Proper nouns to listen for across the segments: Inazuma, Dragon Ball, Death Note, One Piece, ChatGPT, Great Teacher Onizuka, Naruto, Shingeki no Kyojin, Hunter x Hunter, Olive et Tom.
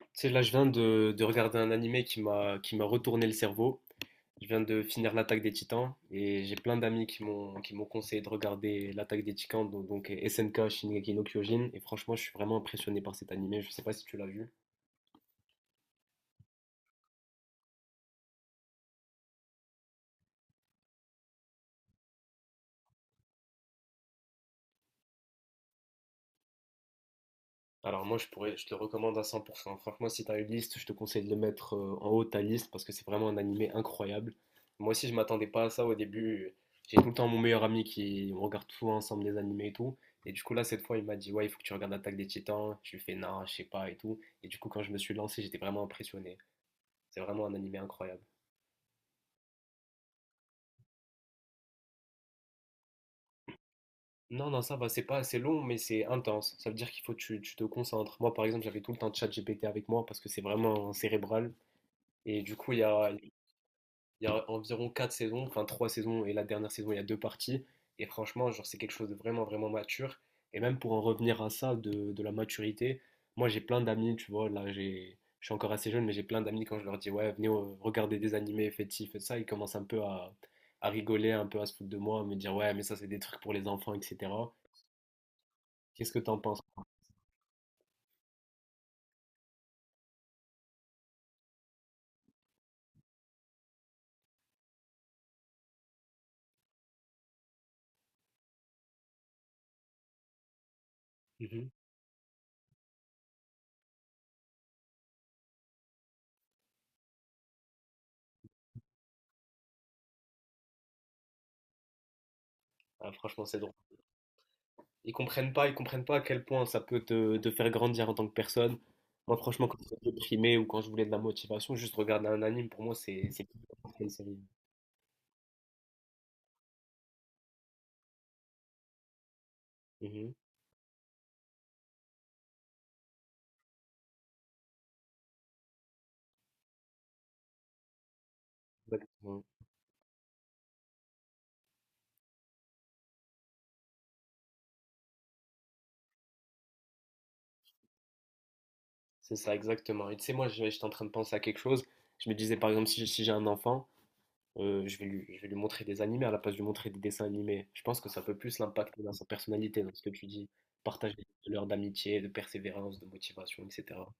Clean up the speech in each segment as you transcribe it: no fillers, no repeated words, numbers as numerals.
Tu sais, là, je viens de regarder un animé qui m'a retourné le cerveau. Je viens de finir l'Attaque des Titans et j'ai plein d'amis qui m'ont conseillé de regarder l'Attaque des Titans, donc SNK Shingeki no Kyojin. Et franchement, je suis vraiment impressionné par cet animé. Je sais pas si tu l'as vu. Alors moi, je te le recommande à 100%. Franchement, si tu as une liste, je te conseille de le mettre en haut de ta liste parce que c'est vraiment un animé incroyable. Moi aussi, je m'attendais pas à ça au début. J'ai tout le temps mon meilleur ami qui on regarde tout ensemble les animés et tout. Et du coup là, cette fois, il m'a dit ouais, il faut que tu regardes Attaque des Titans. Je lui fais non, je sais pas et tout. Et du coup, quand je me suis lancé, j'étais vraiment impressionné. C'est vraiment un animé incroyable. Non, non, ça va, c'est pas assez long, mais c'est intense. Ça veut dire qu'il faut que tu te concentres. Moi, par exemple, j'avais tout le temps ChatGPT avec moi parce que c'est vraiment cérébral. Et du coup, il y a environ 4 saisons, enfin 3 saisons et la dernière saison, il y a deux parties. Et franchement, genre, c'est quelque chose de vraiment, vraiment mature. Et même pour en revenir à ça, de la maturité, moi j'ai plein d'amis, tu vois, je suis encore assez jeune, mais j'ai plein d'amis quand je leur dis, ouais, venez regarder des animés, faites ci, faites ça, ils commencent un peu à rigoler, un peu à se foutre de moi, à me dire, ouais, mais ça c'est des trucs pour les enfants, etc. Qu'est-ce que t'en penses? Mhm. Ah, franchement, c'est drôle. Ils comprennent pas à quel point ça peut te faire grandir en tant que personne. Moi, franchement, quand j'étais déprimé ou quand je voulais de la motivation, juste regarder un anime, pour moi, c'est plus important qu'une série. Mhm. Exactement. C'est ça, exactement. Et tu sais, moi, j'étais en train de penser à quelque chose. Je me disais, par exemple, si j'ai un enfant, je vais lui montrer des animés à la place de lui montrer des dessins animés. Je pense que ça peut plus l'impacter dans sa personnalité, dans ce que tu dis. Partager des valeurs d'amitié, de persévérance, de motivation, etc.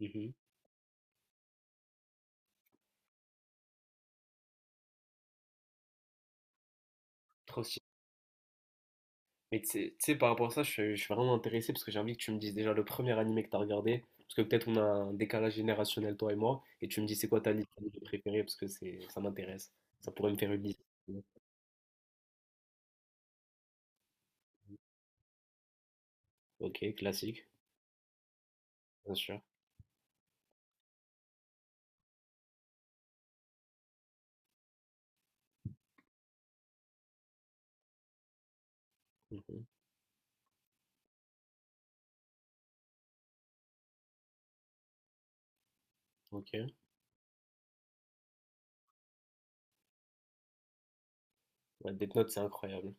Mhm. Trop stylé. Mais par rapport à ça, je suis vraiment intéressé parce que j'ai envie que tu me dises déjà le premier animé que tu as regardé. Parce que peut-être on a un décalage générationnel, toi et moi. Et tu me dis c'est quoi ta liste d'animés préférée parce que ça m'intéresse. Ça pourrait me faire une liste. Ok, classique, bien sûr. Mhm. Ok. Ouais, Death Note, c'est incroyable.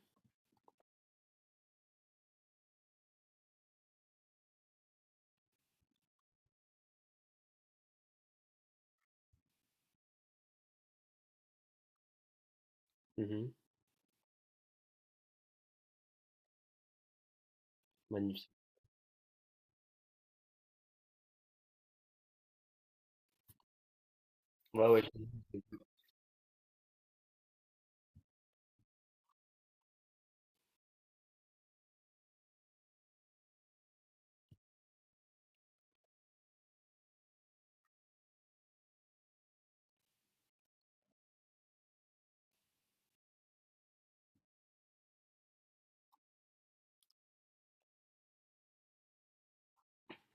Mhm. Magnifique. Ouais, ouais.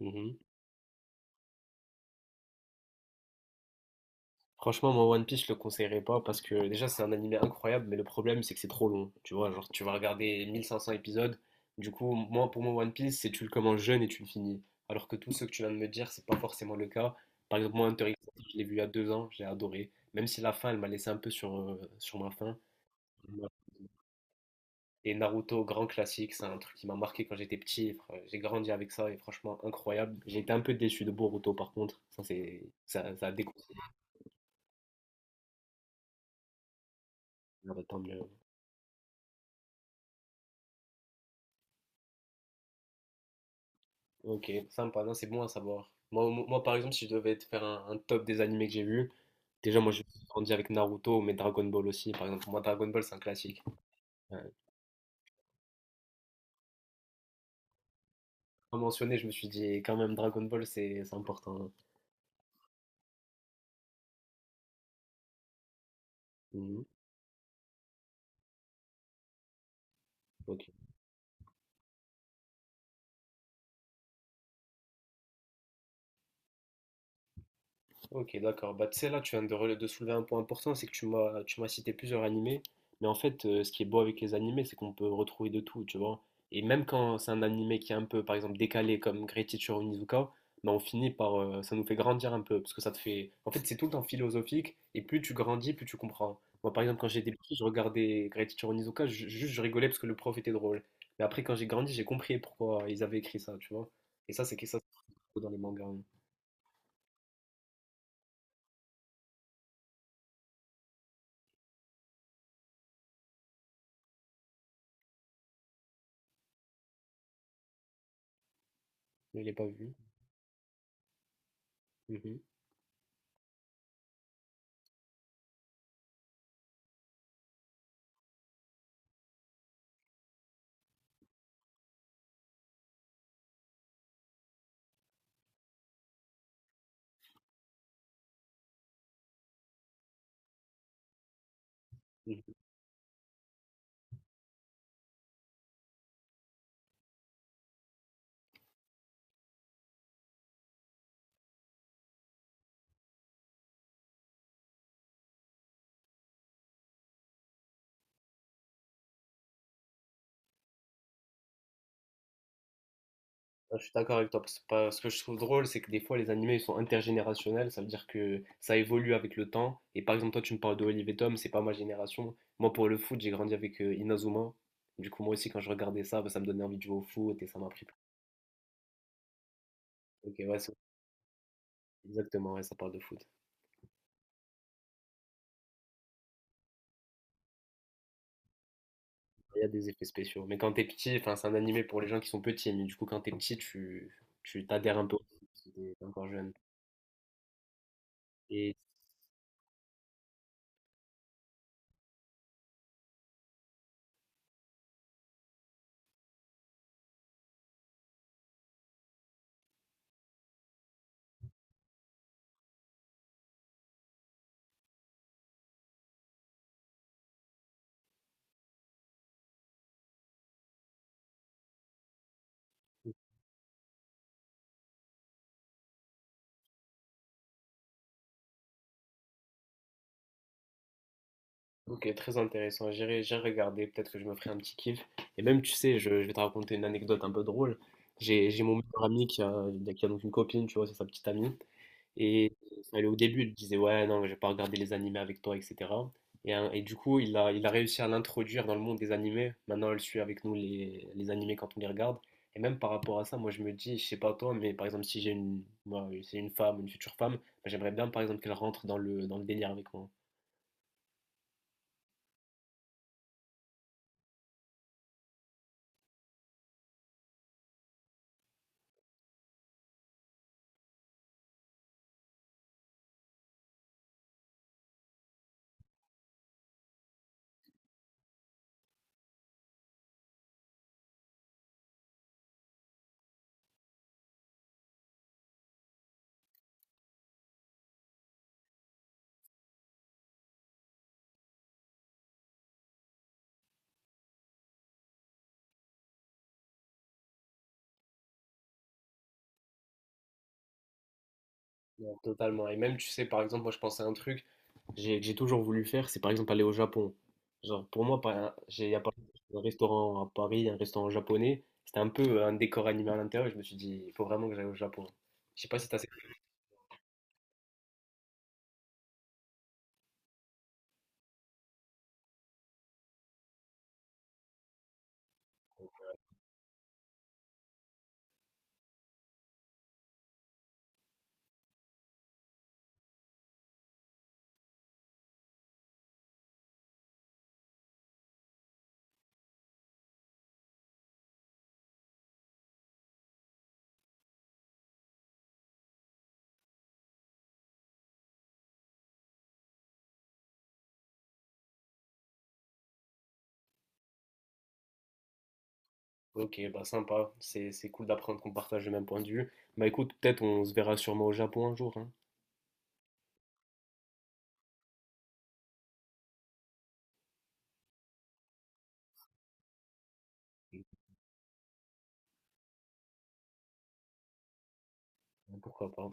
Mhm. Franchement, moi, One Piece, je le conseillerais pas parce que déjà, c'est un animé incroyable, mais le problème, c'est que c'est trop long. Tu vois, genre, tu vas regarder 1500 épisodes. Du coup, pour moi, One Piece, c'est tu le commences jeune et tu le finis. Alors que tous ceux que tu viens de me dire, c'est pas forcément le cas. Par exemple, moi, Hunter x Hunter, je l'ai vu il y a 2 ans, j'ai adoré. Même si la fin, elle m'a laissé un peu sur ma faim. Et Naruto, grand classique, c'est un truc qui m'a marqué quand j'étais petit. J'ai grandi avec ça et franchement, incroyable. J'ai été un peu déçu de Boruto, par contre. Ça a déconseillé. Ok, sympa, non, c'est bon à savoir. Par exemple, si je devais te faire un top des animés que j'ai vus, déjà, moi, j'ai grandi avec Naruto, mais Dragon Ball aussi. Par exemple, moi, Dragon Ball, c'est un classique. Euh, Comme mentionné, je me suis dit, quand même, Dragon Ball, c'est important, hein. Mhm. Ok. Ok, d'accord. Bah, tu sais, là, tu viens de soulever un point important, c'est que tu m'as cité plusieurs animés. Mais en fait, ce qui est beau avec les animés, c'est qu'on peut retrouver de tout, tu vois. Et même quand c'est un animé qui est un peu, par exemple, décalé comme Great Teacher Onizuka, bah, on finit par. Ça nous fait grandir un peu, parce que ça te fait. En fait, c'est tout le temps philosophique, et plus tu grandis, plus tu comprends. Moi, par exemple, quand j'étais petit, je regardais Great Teacher Onizuka, juste je rigolais parce que le prof était drôle. Mais après, quand j'ai grandi, j'ai compris pourquoi ils avaient écrit ça, tu vois. Et ça, c'est dans les mangas, hein. Je ne l'ai pas vu. Mhm, mhm. Ah, je suis d'accord avec toi, parce que ce que je trouve drôle, c'est que des fois les animés ils sont intergénérationnels, ça veut dire que ça évolue avec le temps. Et par exemple, toi tu me parles de Olive et Tom, c'est pas ma génération. Moi pour le foot, j'ai grandi avec Inazuma. Du coup, moi aussi, quand je regardais ça, bah, ça me donnait envie de jouer au foot et ça m'a pris. Ok, ouais, c'est- Exactement, ouais, ça parle de foot. Il y a des effets spéciaux. Mais quand t'es petit, enfin, c'est un animé pour les gens qui sont petits, mais du coup, quand t'es petit, tu t'adhères un peu au foot, si t'es encore jeune. Ok, très intéressant. J'irai regarder. Peut-être que je me ferai un petit kiff. Et même, tu sais, je vais te raconter une anecdote un peu drôle. J'ai mon meilleur ami qui a donc une copine, tu vois, c'est sa petite amie. Et elle, au début, elle disait, ouais, non, je vais pas regarder les animés avec toi, etc. Et, hein, et du coup, il a réussi à l'introduire dans le monde des animés. Maintenant, elle suit avec nous les animés quand on les regarde. Et même par rapport à ça, moi, je me dis, je sais pas toi, mais par exemple, si j'ai une, moi, c'est une femme, une future femme, bah, j'aimerais bien, par exemple, qu'elle rentre dans dans le délire avec moi. Non, totalement. Et même, tu sais, par exemple, moi, je pensais à un truc que j'ai toujours voulu faire, c'est par exemple aller au Japon. Genre, pour moi, par- j'ai il y a pas- Un restaurant à Paris, un restaurant japonais, c'était un peu un décor animé à l'intérieur. Et Je me suis dit, il faut vraiment que j'aille au Japon. Je sais pas si t'as... Ok, bah sympa, c'est cool d'apprendre qu'on partage le même point de vue. Bah écoute, peut-être on se verra sûrement au Japon un jour, hein. Pourquoi pas.